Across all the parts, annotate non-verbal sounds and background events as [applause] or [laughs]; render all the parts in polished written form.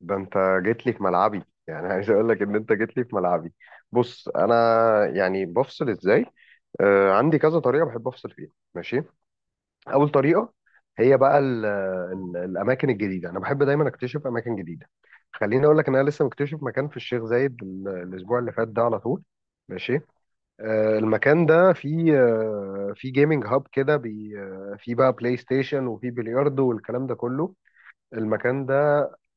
ده انت جيت لي في ملعبي، يعني عايز اقول لك ان انت جيت لي في ملعبي. بص انا يعني بفصل ازاي؟ آه، عندي كذا طريقه بحب افصل فيها. ماشي. اول طريقه هي بقى ال ال الاماكن الجديده. انا بحب دايما اكتشف اماكن جديده. خليني اقول لك ان انا لسه مكتشف مكان في الشيخ زايد الاسبوع اللي فات ده على طول. ماشي. آه المكان ده فيه فيه جيمنج هاب كده فيه بقى بلاي ستيشن وفيه بلياردو والكلام ده كله. المكان ده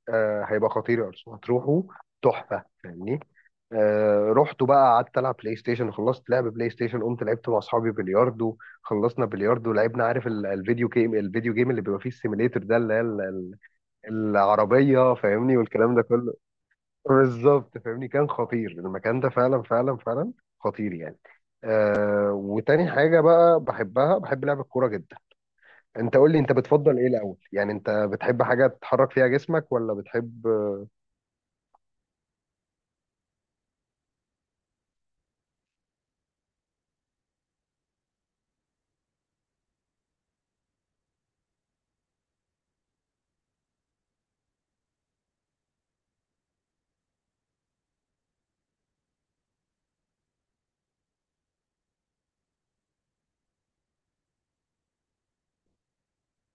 آه هيبقى خطير يا أرسنال، هتروحوا تحفة، فاهمني. آه، رحت بقى قعدت ألعب بلاي ستيشن، خلصت لعب بلاي ستيشن قمت لعبت مع أصحابي بلياردو. خلصنا بلياردو لعبنا، عارف الفيديو جيم، الفيديو جيم اللي بيبقى فيه السيميليتر ده، اللي هي العربية، فاهمني، والكلام ده كله. بالظبط فاهمني، كان خطير المكان ده فعلا فعلا فعلا. خطير يعني. آه، وتاني حاجة بقى بحبها، بحب لعب الكورة جدا. انت قول لي انت بتفضل ايه الاول؟ يعني انت بتحب حاجة تحرك فيها جسمك ولا بتحب؟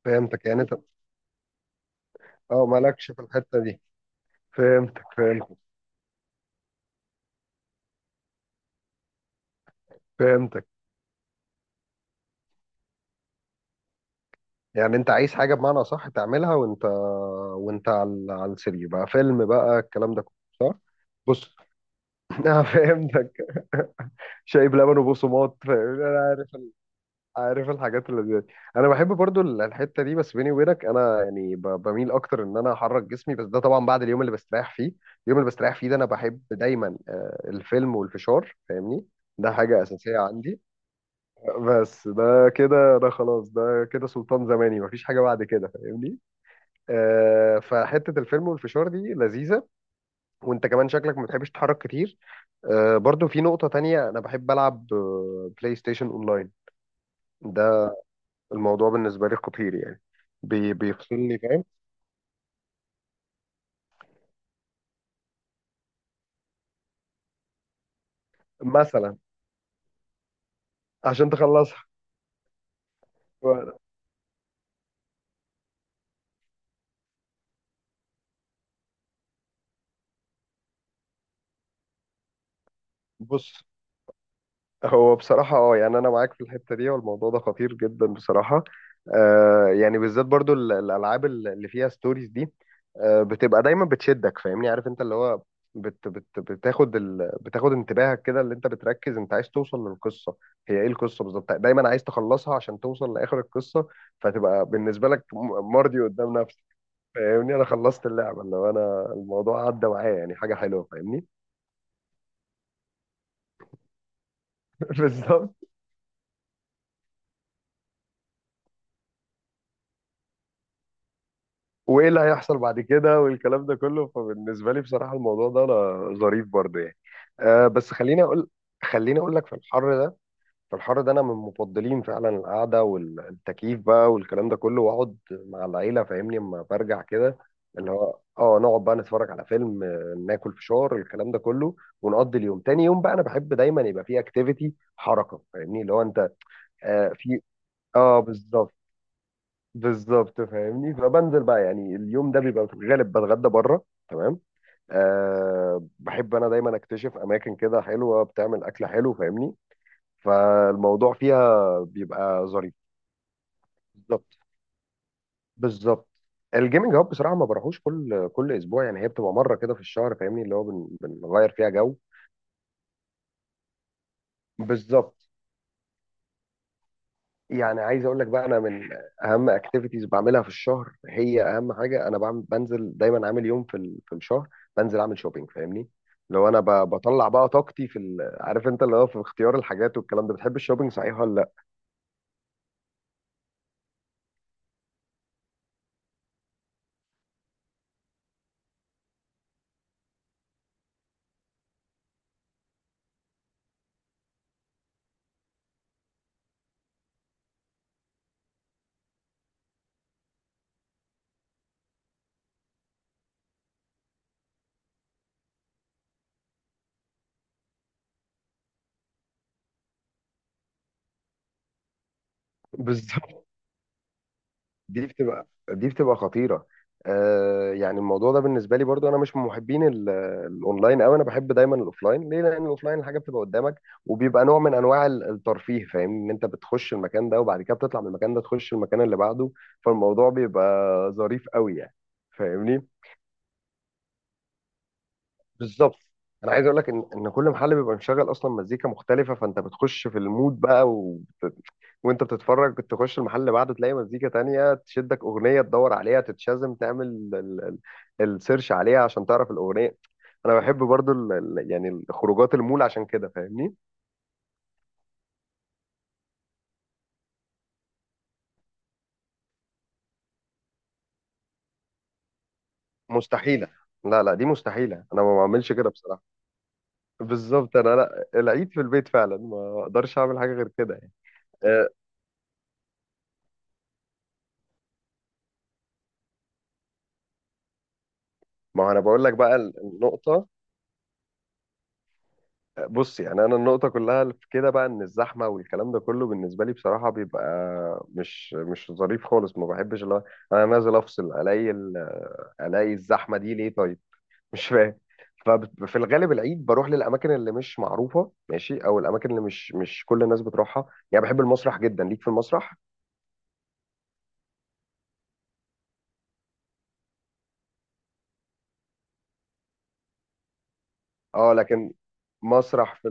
فهمتك، يعني انت، اه مالكش في الحتة دي. فهمتك فهمتك. فهمتك يعني انت عايز حاجة بمعنى صح تعملها وانت، وانت على السرير بقى، فيلم بقى، الكلام ده كله. صح؟ بص. [laughs] انا فهمتك. شاي بلبن وبقسماط فاهمني؟ انا عارف عارف الحاجات اللي زي دي. انا بحب برضو الحتة دي، بس بيني وبينك انا يعني بميل اكتر ان انا احرك جسمي، بس ده طبعا بعد اليوم اللي بستريح فيه. اليوم اللي بستريح فيه ده انا بحب دايما الفيلم والفشار فاهمني. ده حاجة أساسية عندي. بس ده كده، ده خلاص ده كده سلطان زماني، مفيش حاجة بعد كده فاهمني. آه، فحتة الفيلم والفشار دي لذيذة. وانت كمان شكلك ما بتحبش تتحرك كتير. آه، برضو في نقطة تانية، انا بحب العب بلاي ستيشن اونلاين. ده الموضوع بالنسبة لي خطير يعني. بيفصلني فاهم. مثلا عشان تخلصها. بص، هو بصراحة اه يعني أنا معاك في الحتة دي، والموضوع ده خطير جدا بصراحة. آه يعني بالذات برضو الألعاب اللي فيها ستوريز دي، آه بتبقى دايما بتشدك فاهمني، عارف أنت اللي هو بت بت بتاخد بتاخد انتباهك كده، اللي أنت بتركز، أنت عايز توصل للقصة. هي إيه القصة بالظبط؟ دايما عايز تخلصها عشان توصل لآخر القصة. فتبقى بالنسبة لك مرضي قدام نفسك. فاهمني أنا خلصت اللعبة، اللي هو أنا الموضوع عدى معايا، يعني حاجة حلوة فاهمني. [laughs] بالظبط. وايه اللي هيحصل بعد كده، والكلام ده كله. فبالنسبه لي بصراحه الموضوع ده انا ظريف برضه يعني. أه بس خليني اقول لك، في الحر ده، في الحر ده انا من مفضلين فعلا القعده والتكييف بقى والكلام ده كله، واقعد مع العيله فاهمني اما برجع كده. اللي هو اه نقعد بقى نتفرج على فيلم، ناكل فشار، الكلام ده كله. ونقضي اليوم. تاني يوم بقى انا بحب دايما يبقى فيه اكتيفيتي حركه، فاهمني اللي هو انت. آه في. اه بالظبط. بالظبط فاهمني، فبنزل بقى، يعني اليوم ده بيبقى في الغالب بتغدى بره. تمام. أه بحب انا دايما اكتشف اماكن كده حلوه بتعمل اكل حلو فاهمني. فالموضوع فيها بيبقى ظريف. بالظبط. بالظبط. الجيمنج هاب بصراحه ما بروحوش كل اسبوع يعني، هي بتبقى مره كده في الشهر فاهمني، اللي هو بنغير فيها جو. بالظبط. يعني عايز اقول لك بقى، انا من اهم اكتيفيتيز بعملها في الشهر، هي اهم حاجه انا بعمل بنزل دايما عامل يوم في الشهر بنزل اعمل شوبينج فاهمني. لو انا بطلع بقى طاقتي في عارف انت اللي هو في اختيار الحاجات والكلام ده، بتحب الشوبينج صحيح ولا لا؟ [laughs] بالظبط. دي بتبقى خطيرة. آه يعني الموضوع ده بالنسبة لي برضو، أنا مش من محبين الأونلاين أوي، أنا بحب دايما الأوفلاين. ليه؟ لأن الأوفلاين الحاجة بتبقى قدامك، وبيبقى نوع من أنواع الترفيه فاهمني، إن أنت بتخش المكان ده وبعد كده بتطلع من المكان ده تخش المكان اللي بعده. فالموضوع بيبقى ظريف أوي يعني. فاهمني؟ بالظبط. أنا عايز أقول لك إن كل محل بيبقى مشغل أصلا مزيكا مختلفة، فأنت بتخش في المود بقى، وانت بتتفرج تخش المحل اللي بعده تلاقي مزيكا تانية تشدك، اغنية تدور عليها تتشازم، تعمل السيرش عليها عشان تعرف الاغنية. انا بحب برضو ال ال يعني الخروجات المول عشان كده فاهمني. مستحيلة. لا لا، دي مستحيلة، انا ما بعملش كده بصراحة. بالظبط، انا لا، العيد في البيت فعلا، ما اقدرش اعمل حاجة غير كده يعني. أه، ما هو انا بقول لك بقى النقطة. بص يعني انا النقطه كلها في كده بقى، ان الزحمه والكلام ده كله بالنسبه لي بصراحه بيبقى مش ظريف خالص، ما بحبش اللي هو انا نازل افصل الاقي الاقي الزحمه دي ليه طيب؟ [laughs] مش فاهم. ففي الغالب العيد بروح للاماكن اللي مش معروفه، ماشي، او الاماكن اللي مش كل الناس بتروحها. يعني بحب المسرح جدا، ليك في المسرح؟ اه لكن. مسرح في.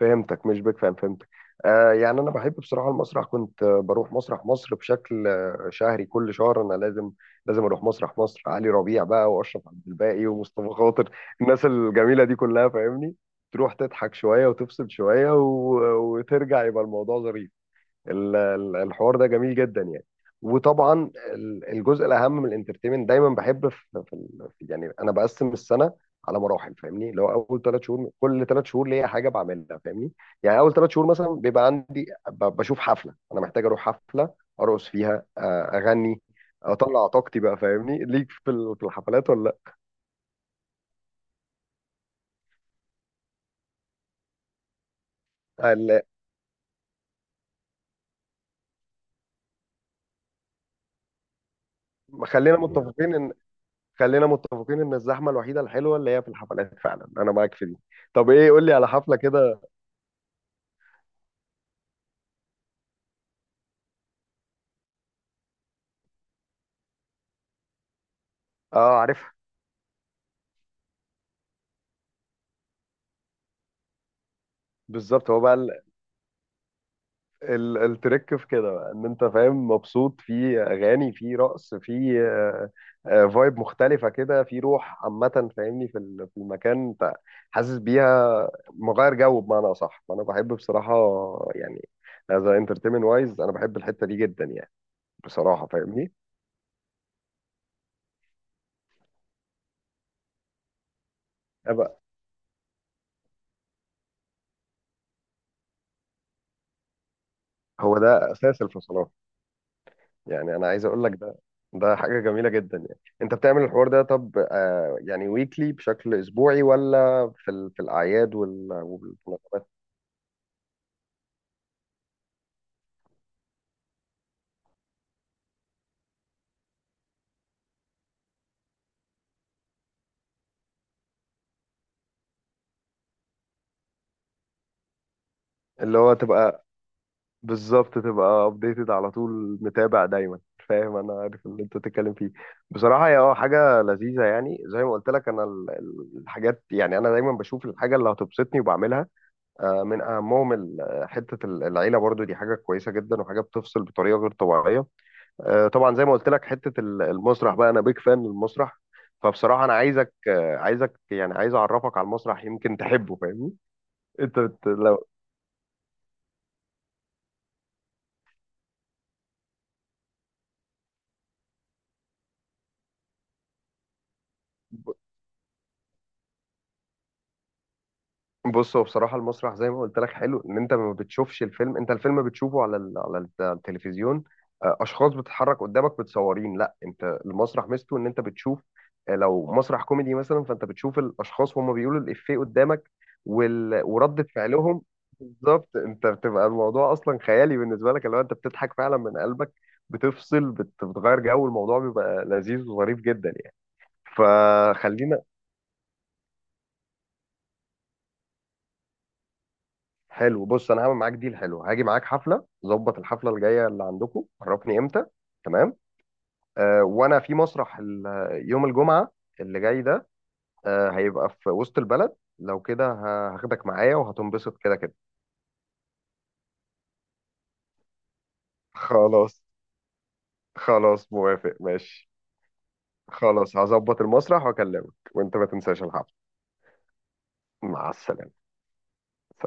فهمتك، مش بيك فاهم، فهمتك. آه، يعني انا بحب بصراحه المسرح، كنت بروح مسرح مصر بشكل شهري، كل شهر انا لازم، لازم اروح مسرح مصر، علي ربيع بقى واشرف عبد الباقي ومصطفى خاطر، الناس الجميله دي كلها فاهمني. تروح تضحك شويه وتفصل شويه و... وترجع، يبقى الموضوع ظريف. الحوار ده جميل جدا يعني. وطبعا الجزء الاهم من الانترتينمنت دايما، بحب في يعني انا بقسم السنه على مراحل فاهمني، اللي هو اول ثلاث شهور، كل ثلاث شهور ليا حاجه بعملها فاهمني. يعني اول ثلاث شهور مثلا بيبقى عندي بشوف حفله، انا محتاج اروح حفله، ارقص فيها، اغني، اطلع طاقتي بقى فاهمني، ليك في في الحفلات ولا؟ لا خلينا متفقين ان خلينا متفقين ان الزحمه الوحيده الحلوه اللي هي في الحفلات فعلا، انا معاك في دي. طب ايه، قول لي على حفله كده. اه عارفها. بالظبط. هو بقى التريك في كده بقى، ان انت فاهم مبسوط في اغاني، في رقص، في فايب مختلفه كده، في روح عامه فاهمني في في المكان، انت حاسس بيها مغير جو بمعنى اصح. فانا بحب بصراحه يعني، از انترتينمنت وايز، انا بحب الحته دي جدا يعني. بصراحه فاهمني. أبقى. هو ده اساس الفصلات. يعني انا عايز اقول لك، ده ده حاجه جميله جدا يعني. انت بتعمل الحوار ده، طب آه يعني ويكلي بشكل اسبوعي ولا في في الاعياد اللي هو تبقى؟ بالظبط، تبقى ابديتد على طول، متابع دايما. فاهم، انا عارف اللي انت بتتكلم فيه. بصراحه هي اه حاجه لذيذه، يعني زي ما قلت لك انا الحاجات، يعني انا دايما بشوف الحاجه اللي هتبسطني وبعملها. آه، من اهمهم حته العيله برضو، دي حاجه كويسه جدا، وحاجه بتفصل بطريقه غير طبيعيه. آه، طبعا زي ما قلت لك، حته المسرح بقى، انا بيك فان للمسرح. فبصراحه انا عايزك، يعني عايز اعرفك على المسرح، يمكن تحبه فاهمني. انت بت... لو بص، هو بصراحة المسرح زي ما قلت لك حلو، إن أنت ما بتشوفش الفيلم. أنت الفيلم بتشوفه على على التلفزيون، أشخاص بتتحرك قدامك متصورين. لا أنت المسرح ميزته إن أنت بتشوف، لو مسرح كوميدي مثلا فأنت بتشوف الأشخاص وهم بيقولوا الإفيه قدامك وردة فعلهم. بالظبط، أنت بتبقى الموضوع أصلا خيالي بالنسبة لك، اللي هو أنت بتضحك فعلا من قلبك، بتفصل بتغير جو، الموضوع بيبقى لذيذ وظريف جدا يعني. فخلينا. حلو، بص انا هعمل معاك ديل حلو، هاجي معاك حفله، ظبط الحفله الجايه اللي عندكم عرفني امتى. تمام. آه، وانا في مسرح يوم الجمعه اللي جاي ده، آه هيبقى في وسط البلد، لو كده هاخدك معايا وهتنبسط كده كده. خلاص. خلاص موافق، ماشي. خلاص هظبط المسرح واكلمك وانت ما تنساش الحفله. مع السلامه.